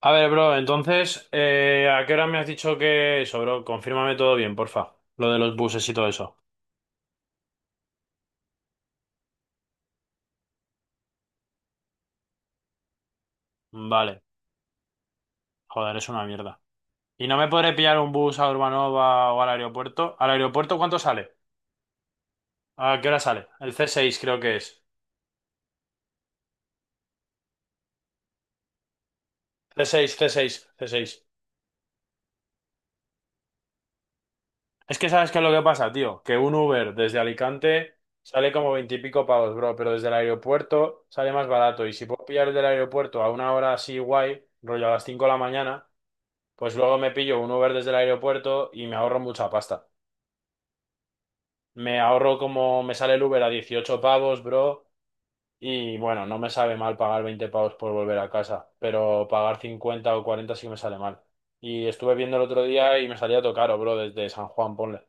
A ver, bro, entonces, ¿a qué hora me has dicho que eso, bro? Confírmame todo bien, porfa. Lo de los buses y todo eso. Vale, joder, es una mierda. ¿Y no me podré pillar un bus a Urbanova o al aeropuerto? ¿Al aeropuerto cuánto sale? ¿A qué hora sale? El C seis, creo que es. C seis, c seis, c seis. Es que sabes qué es lo que pasa, tío. Que un Uber desde Alicante sale como veintipico pavos, bro, pero desde el aeropuerto sale más barato. Y si puedo pillar el del aeropuerto a una hora así guay, rollo a las 5 de la mañana. Pues luego me pillo un Uber desde el aeropuerto y me ahorro mucha pasta. Me ahorro como me sale el Uber a 18 pavos, bro. Y bueno, no me sabe mal pagar 20 pavos por volver a casa, pero pagar 50 o 40 sí me sale mal. Y estuve viendo el otro día y me salía todo caro, bro, desde San Juan, ponle.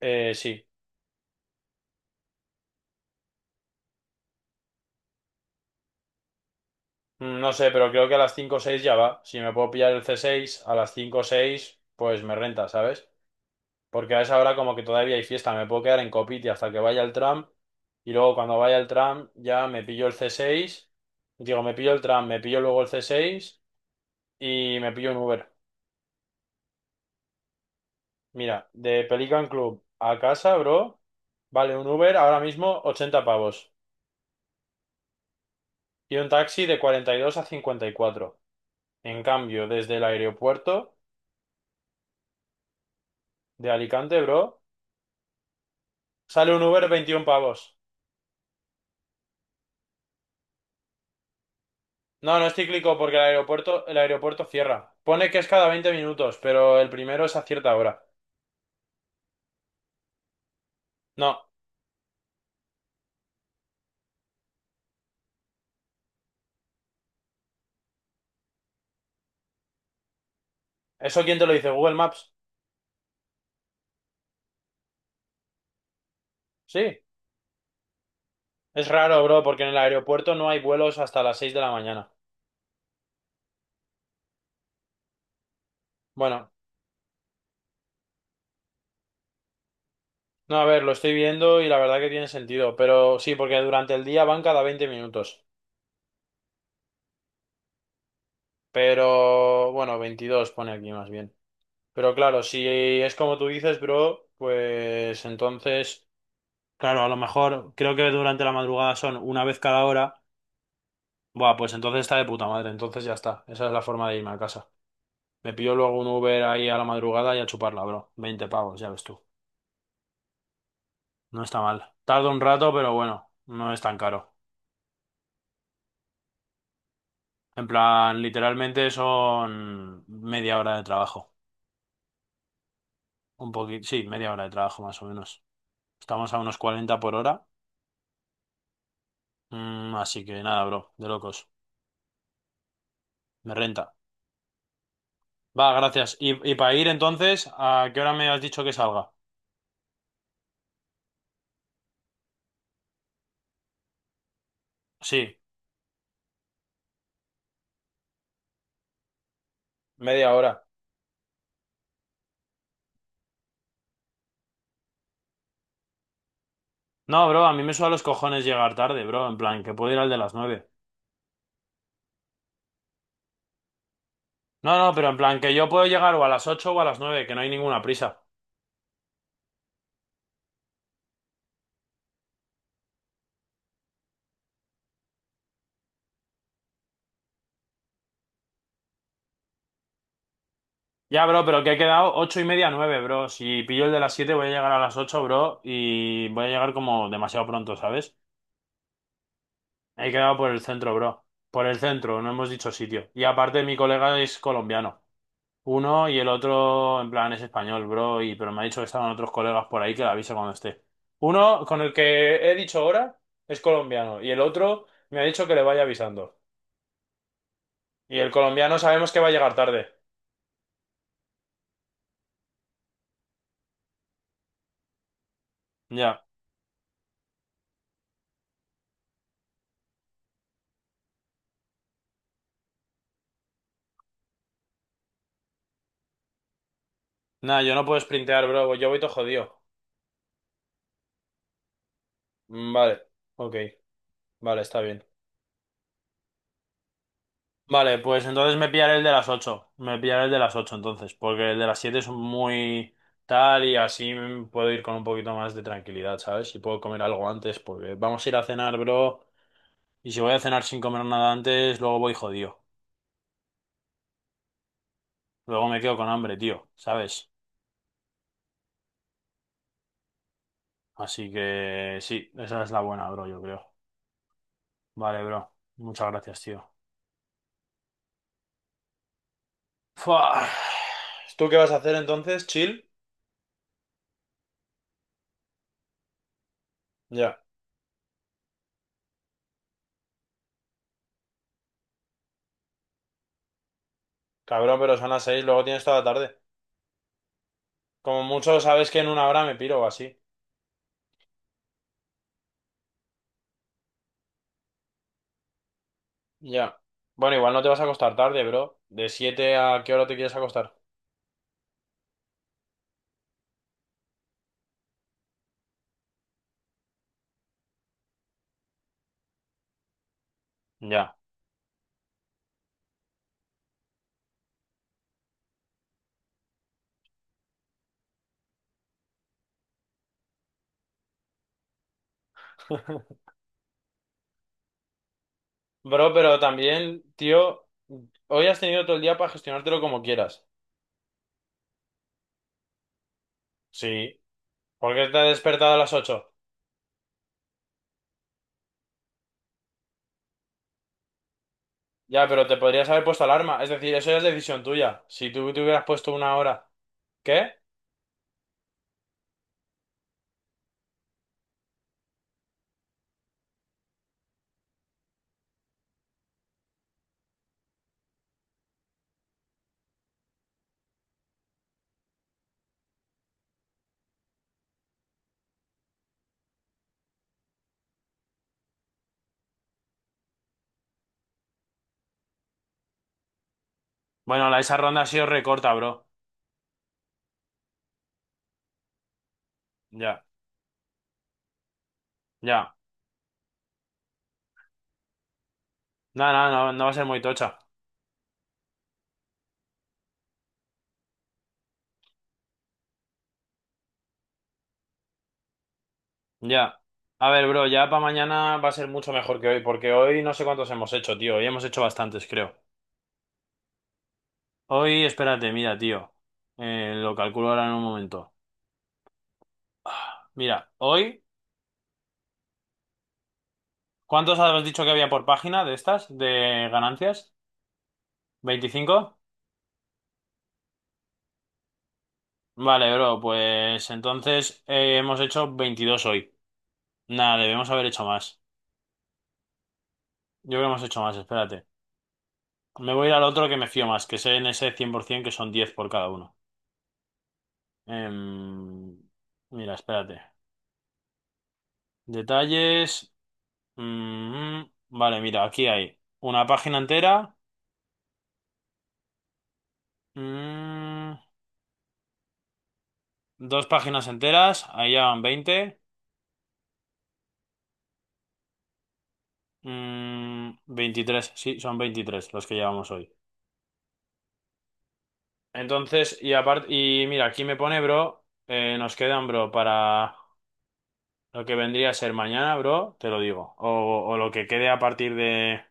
Sí. No sé, pero creo que a las 5 o 6 ya va. Si me puedo pillar el c seis a las 5 o 6, pues me renta, ¿sabes? Porque a esa hora como que todavía hay fiesta, me puedo quedar en Copiti hasta que vaya el tram y luego cuando vaya el tram ya me pillo el C6, digo, me pillo el tram, me pillo luego el C6 y me pillo un Uber. Mira, de Pelican Club a casa, bro, vale un Uber ahora mismo 80 pavos y un taxi de 42 a 54. En cambio, desde el aeropuerto de Alicante, bro, sale un Uber 21 pavos. No, no es cíclico porque el aeropuerto cierra. Pone que es cada 20 minutos, pero el primero es a cierta hora. No, ¿eso quién te lo dice? ¿Google Maps? Sí, es raro, bro, porque en el aeropuerto no hay vuelos hasta las 6 de la mañana. Bueno, no, a ver, lo estoy viendo y la verdad que tiene sentido, pero sí, porque durante el día van cada 20 minutos. Pero, bueno, 22 pone aquí más bien. Pero claro, si es como tú dices, bro, pues entonces, claro, a lo mejor creo que durante la madrugada son una vez cada hora. Buah, pues entonces está de puta madre, entonces ya está. Esa es la forma de irme a casa. Me pillo luego un Uber ahí a la madrugada y a chuparla, bro. 20 pavos, ya ves tú. No está mal. Tarda un rato, pero bueno, no es tan caro. En plan, literalmente son media hora de trabajo. Un poquito, sí, media hora de trabajo más o menos. Estamos a unos 40 por hora. Así que nada, bro, de locos. Me renta. Va, gracias. Y para ir entonces, ¿a qué hora me has dicho que salga? Sí, media hora. No, bro, a mí me suda los cojones llegar tarde, bro. En plan, que puedo ir al de las 9. No, no, pero en plan, que yo puedo llegar o a las 8 o a las 9, que no hay ninguna prisa. Ya, bro, pero que he quedado 8 y media, nueve, bro. Si pillo el de las 7, voy a llegar a las 8, bro. Y voy a llegar como demasiado pronto, ¿sabes? He quedado por el centro, bro. Por el centro, no hemos dicho sitio. Y aparte, mi colega es colombiano. Uno y el otro, en plan, es español, bro, y, pero me ha dicho que estaban otros colegas por ahí que le aviso cuando esté. Uno con el que he dicho ahora es colombiano y el otro me ha dicho que le vaya avisando. Y el colombiano sabemos que va a llegar tarde. Ya. Nada, yo no puedo sprintear, bro, yo voy todo jodido. Mm, vale, ok, vale, está bien. Vale, pues entonces me pillaré el de las 8. Me pillaré el de las 8 entonces, porque el de las 7 es muy tal y así puedo ir con un poquito más de tranquilidad, ¿sabes? Y puedo comer algo antes, porque vamos a ir a cenar, bro. Y si voy a cenar sin comer nada antes, luego voy jodido. Luego me quedo con hambre, tío, ¿sabes? Así que sí, esa es la buena, bro, yo creo. Vale, bro. Muchas gracias, tío. Fua. ¿Tú qué vas a hacer entonces? ¿Chill? Ya. Cabrón, pero son las 6, luego tienes toda la tarde. Como mucho sabes que en una hora me piro o así. Ya. Bueno, igual no te vas a acostar tarde, bro. ¿De 7 a qué hora te quieres acostar? Ya. Bro, pero también, tío, hoy has tenido todo el día para gestionártelo como quieras. Sí. ¿Por qué te has despertado a las 8? Ya, pero te podrías haber puesto alarma. Es decir, eso ya es decisión tuya. Si tú te hubieras puesto una hora. ¿Qué? Bueno, esa ronda ha sido recorta, bro. Ya, ya. No, no, no, no va a ser muy tocha. Ya. A ver, bro, ya para mañana va a ser mucho mejor que hoy, porque hoy no sé cuántos hemos hecho, tío. Hoy hemos hecho bastantes, creo. Hoy, espérate, mira, tío. Lo calculo ahora en un momento. Ah, mira, hoy, ¿cuántos habías dicho que había por página de estas, de ganancias? 25. Vale, bro, pues entonces hemos hecho 22 hoy. Nada, debemos haber hecho más. Yo creo que hemos hecho más, espérate. Me voy a ir al otro, que me fío más, que sé en ese 100% que son diez por cada uno. Em, mira, espérate. Detalles. Mm, vale, mira, aquí hay una página entera. Mm. Dos páginas enteras, ahí ya van 20. 23, sí, son 23 los que llevamos hoy. Entonces, y aparte, y mira, aquí me pone, bro, nos quedan, bro, para lo que vendría a ser mañana, bro, te lo digo. O lo que quede a partir de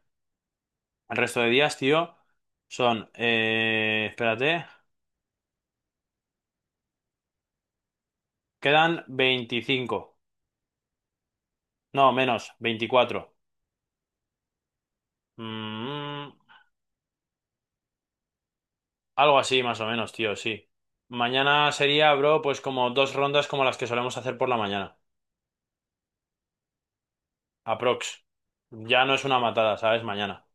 el resto de días, tío, son, espérate, quedan 25. No, menos, 24. Mm, Algo así, más o menos, tío, sí. Mañana sería, bro, pues como dos rondas como las que solemos hacer por la mañana. Aprox. Ya no es una matada, ¿sabes? Mañana.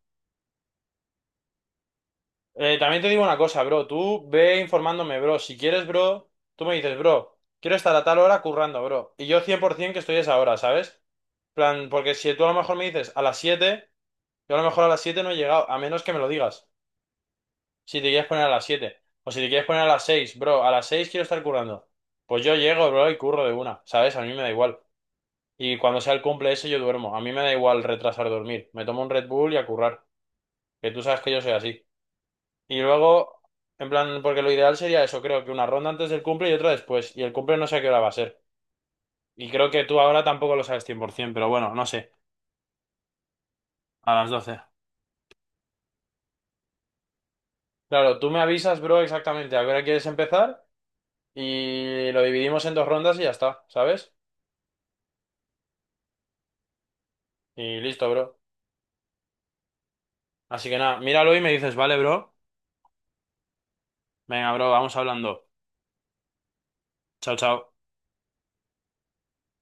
También te digo una cosa, bro. Tú ve informándome, bro. Si quieres, bro, tú me dices, bro, quiero estar a tal hora currando, bro. Y yo 100% que estoy a esa hora, ¿sabes? Plan, porque si tú a lo mejor me dices a las 7, yo a lo mejor a las 7 no he llegado, a menos que me lo digas. Si te quieres poner a las 7, o si te quieres poner a las 6, bro. A las 6 quiero estar currando. Pues yo llego, bro, y curro de una. ¿Sabes? A mí me da igual. Y cuando sea el cumple ese, yo duermo. A mí me da igual retrasar dormir. Me tomo un Red Bull y a currar. Que tú sabes que yo soy así. Y luego, en plan, porque lo ideal sería eso, creo que una ronda antes del cumple y otra después. Y el cumple no sé a qué hora va a ser. Y creo que tú ahora tampoco lo sabes 100%, pero bueno, no sé. A las 12. Claro, tú me avisas, bro, exactamente a qué hora quieres empezar. Y lo dividimos en dos rondas y ya está, ¿sabes? Y listo, bro. Así que nada, míralo y me dices, vale, bro. Venga, bro, vamos hablando. Chao, chao.